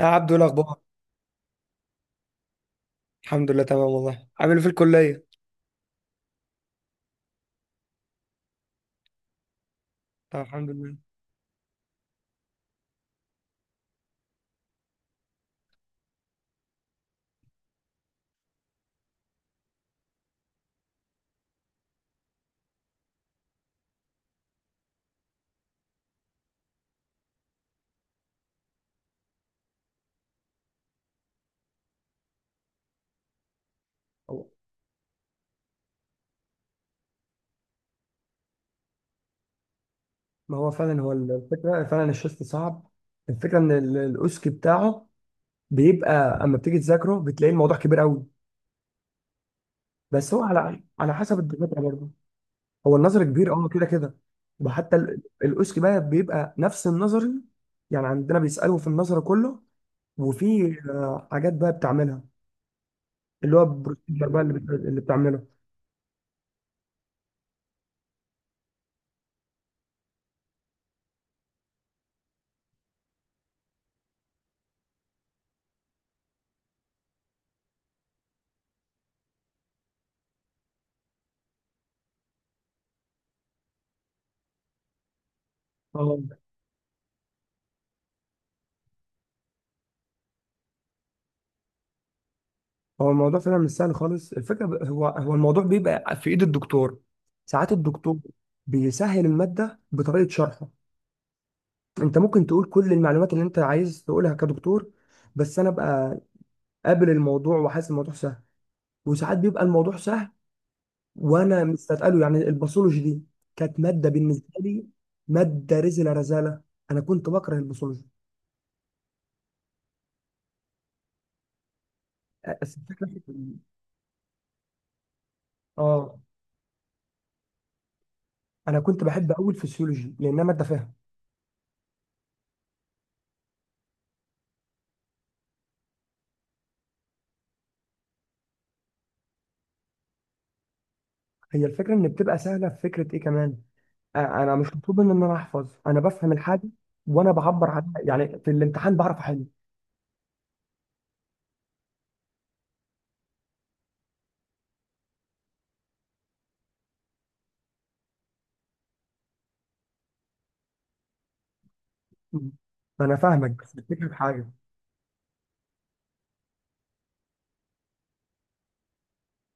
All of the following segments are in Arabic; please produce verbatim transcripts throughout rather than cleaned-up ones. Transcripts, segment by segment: يا عبدو، إيه الاخبار؟ الحمد لله تمام والله. عامل إيه في الكليه؟ طب الحمد لله. هو- ما هو فعلا، هو الفكره فعلا الشيست صعب. الفكره ان ال- الاوسكي بتاعه بيبقى اما بتيجي تذاكره بتلاقي الموضوع كبير قوي. بس هو على على حسب الدكاتره برضه. هو النظر كبير، اه كده كده. وحتى ال- الاوسكي بقى بيبقى نفس النظري. يعني عندنا بيسالوا في النظر كله. وفي آه، حاجات بقى بتعملها، اللي هو بروسيجر بقى اللي بت- اللي بتعمله. اه، هو الموضوع فعلا مش سهل خالص. الفكره ب- هو هو الموضوع بيبقى في ايد الدكتور. ساعات الدكتور بيسهل الماده بطريقه شرحه. انت ممكن تقول كل المعلومات اللي انت عايز تقولها كدكتور، بس انا ابقى قابل الموضوع وحاسس الموضوع سهل. وساعات بيبقى الموضوع سهل وانا مستثقله، يعني الباثولوجي دي كانت ماده بالنسبه لي، ماده رزله رزاله. انا كنت بكره الباثولوجي. بس الفكره في- اه، انا كنت بحب اول فسيولوجي لانها ماده فاهم. هي الفكره ان بتبقى سهله في فكره ايه كمان، انا مش مطلوب مني ان انا احفظ، انا بفهم الحاجه وانا بعبر عنها، يعني في الامتحان بعرف احل. مم. ما انا فاهمك، بس الفكره في حاجه.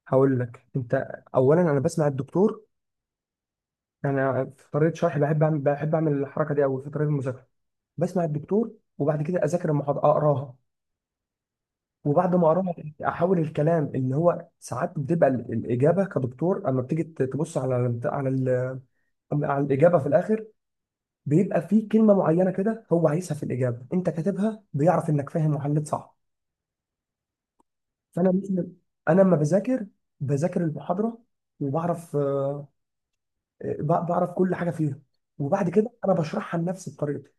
هقول لك انت، اولا انا بسمع الدكتور. انا في طريقه شرحي بحب اعمل بحب اعمل الحركه دي قوي في طريقه المذاكره. بسمع الدكتور، وبعد كده اذاكر المحاضره اقراها، وبعد ما اقراها احاول الكلام اللي هو ساعات بتبقى ال- الاجابه كدكتور اما بتيجي ت- تبص على ال- على ال- على الاجابه في الاخر. بيبقى فيه كلمه معينه كده هو عايزها في الاجابه، انت كاتبها بيعرف انك فاهم وحليت صح. فانا مثل انا لما بذاكر، بذاكر المحاضره وبعرف آه، ب- بعرف كل حاجه فيها. وبعد كده انا بشرحها لنفسي بطريقتي.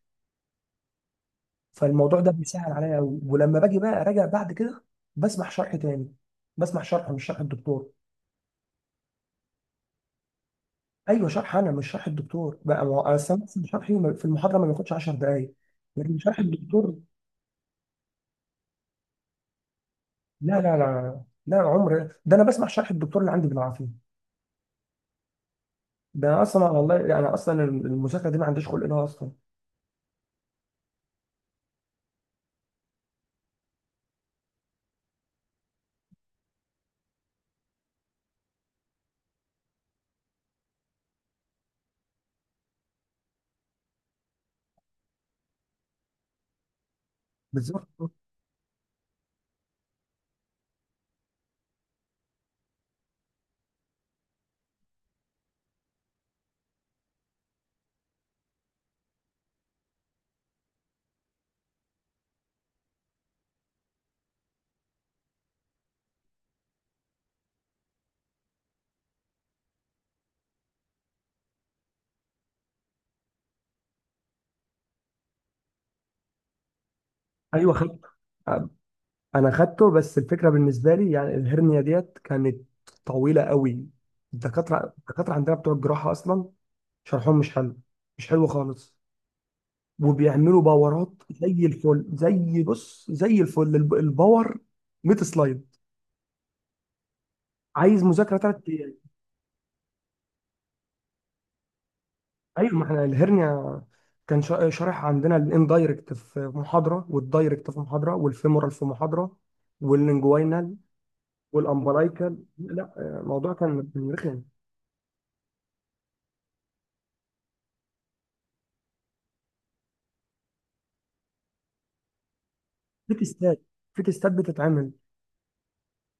فالموضوع ده بيسهل عليا قوي، ولما باجي بقى اراجع بعد كده بسمع شرح تاني، بسمع شرح مش شرح الدكتور. ايوه، شرح انا مش شرح الدكتور بقى، ما هو أصل أنا مثلا شرحي في المحاضره ما بياخدش عشر دقائق. لكن شرح الدكتور، لا لا لا لا، عمر ده انا بسمع شرح الدكتور اللي عندي بالعافيه. ده انا اصلا والله، يعني اصلا المذاكره دي ما عنديش خلق لها اصلا. بالظبط. ايوه خدت، انا خدته. بس الفكره بالنسبه لي يعني الهرنيه ديت كانت طويله قوي. الدكاتره الدكاتره عندنا بتوع الجراحه اصلا شرحهم مش حلو، مش حلو خالص. وبيعملوا باورات زي الفل، زي بص زي الفل الب- الباور مائة سلايد، عايز مذاكره ثلاث. ايوه، ما احنا الهرنيا كان شا- شارح عندنا الاندايركت في محاضره، والدايركت في محاضره، والفيمورال في محاضره، واللينجواينال والامبلايكال. لا، آه، الموضوع كان كان رخم. في تيستات في تيستات بتتعمل.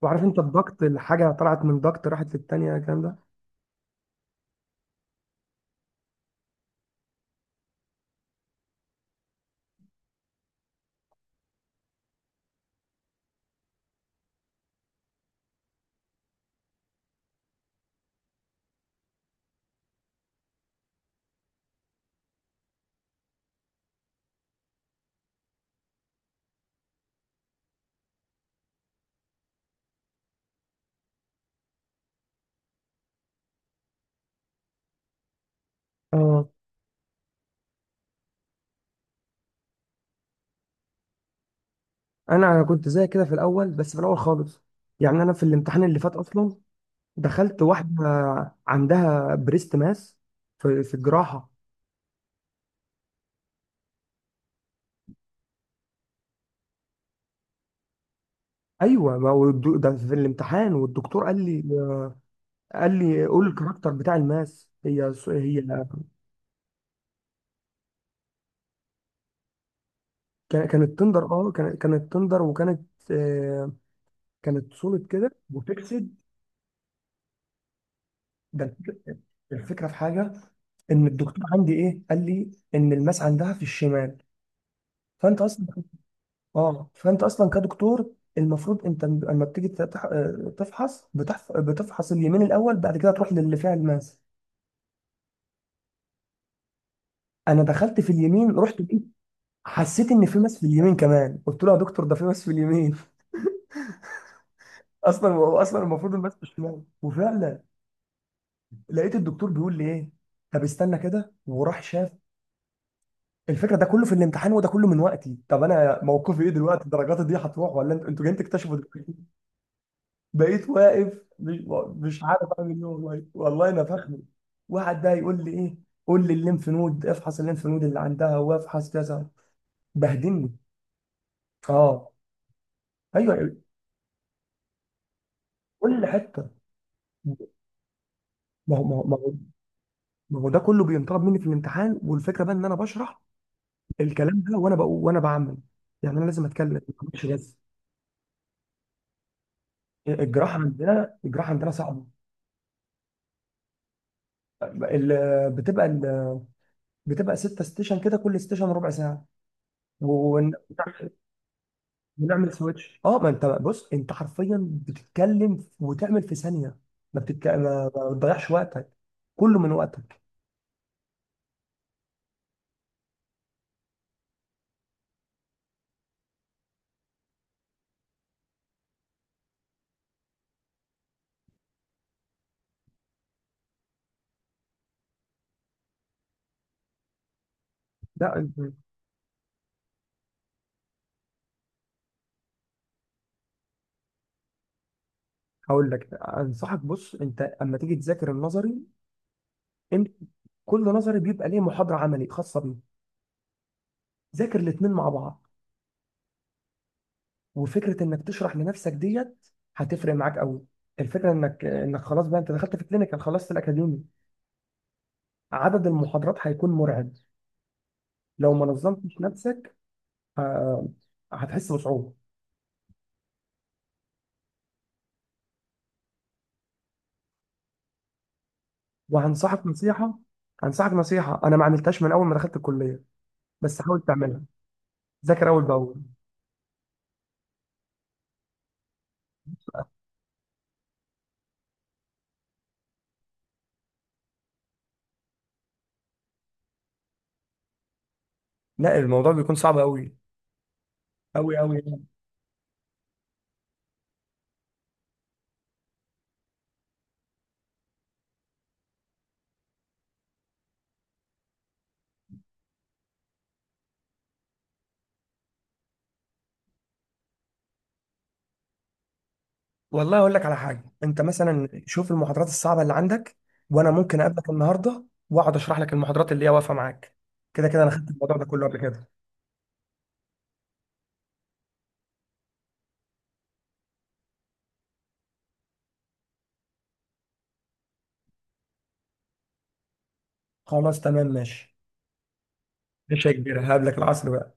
وعارف انت الضغط، الحاجه طلعت من ضغط راحت للتانيه، الكلام ده. اه، انا انا كنت زي كده في الاول، بس في الاول خالص. يعني انا في الامتحان اللي فات اصلا دخلت واحده عندها بريست ماس في في الجراحه. ايوه، ما هو الدو- ده في الامتحان، والدكتور قال لي، قال لي قول الكاركتر بتاع الماس. هي س- هي كان- كانت تندر اه كان- كانت تندر وكانت، آه، كانت سوليد كده وفيكسد. ده الفك- الفكره في حاجه، ان الدكتور عندي ايه قال لي ان الماس عندها في الشمال. فانت اصلا اه، فانت اصلا كدكتور المفروض انت م- لما بتيجي تتح- آه، تفحص، بتحف- بتفحص اليمين الاول بعد كده تروح للي فيها الماس. انا دخلت في اليمين، رحت لقيت، حسيت ان في ماس في اليمين كمان، قلت له يا دكتور ده في ماس في اليمين. اصلا هو اصلا المفروض المسح الشمال، وفعلا لقيت الدكتور بيقول لي ايه؟ طب استنى كده، وراح شاف. الفكره ده كله في الامتحان، وده كله من وقتي. طب انا موقفي ايه دلوقتي؟ درجاتي دي هتروح، ولا انتوا انتوا جايين تكتشفوا دلوقتي؟ بقيت واقف، مش مش عارف اعمل ايه. والله والله انا فخمي. واحد بقى يقول لي ايه؟ قول لي الليمف نود، افحص الليمف نود اللي عندها وافحص كذا. بهدلني. اه، ايوه كل حته. ما هو ما هو ما هو ما هو ده كله بينطلب مني في الامتحان. والفكره بقى ان انا بشرح الكلام ده وانا بقول وانا بعمل، يعني انا لازم اتكلم، ما بعملش بس. الجراحه عندنا، الجراحه عندنا صعبه. ال- بتبقى ال- بتبقى ستة ستيشن كده، كل ستيشن ربع ساعه. ون- ونعمل سويتش. اه، ما انت بص انت حرفيا بتتكلم وتعمل في ثانيه، ما بتتك... ما ما بتضيعش وقتك، كله من وقتك. لا انت- هقول لك انصحك. بص انت اما تيجي تذاكر النظري، انت كل نظري بيبقى ليه محاضره عملي خاصه بيه. ذاكر الاثنين مع بعض. وفكره انك تشرح لنفسك ديت هتفرق معاك قوي. الفكره انك، انك خلاص بقى انت دخلت في كلينيكال، خلصت الاكاديمي. عدد المحاضرات هيكون مرعب لو ما نظمتش نفسك. آه، هتحس بصعوبه. وهنصحك نصيحه هنصحك نصيحه، انا ما عملتهاش من اول ما دخلت الكليه، بس حاول تعملها. ذاكر اول باول. لا، الموضوع بيكون صعب قوي قوي قوي. والله اقول لك على حاجه، انت مثلا شوف المحاضرات الصعبه اللي عندك، وانا ممكن اقابلك النهارده واقعد اشرح لك المحاضرات اللي هي واقفه معاك. كده كده انا خدت الموضوع ده كله قبل كده. خلاص تمام ماشي. ماشي يا كبير، هقابلك العصر بقى.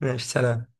ماشي، سلام.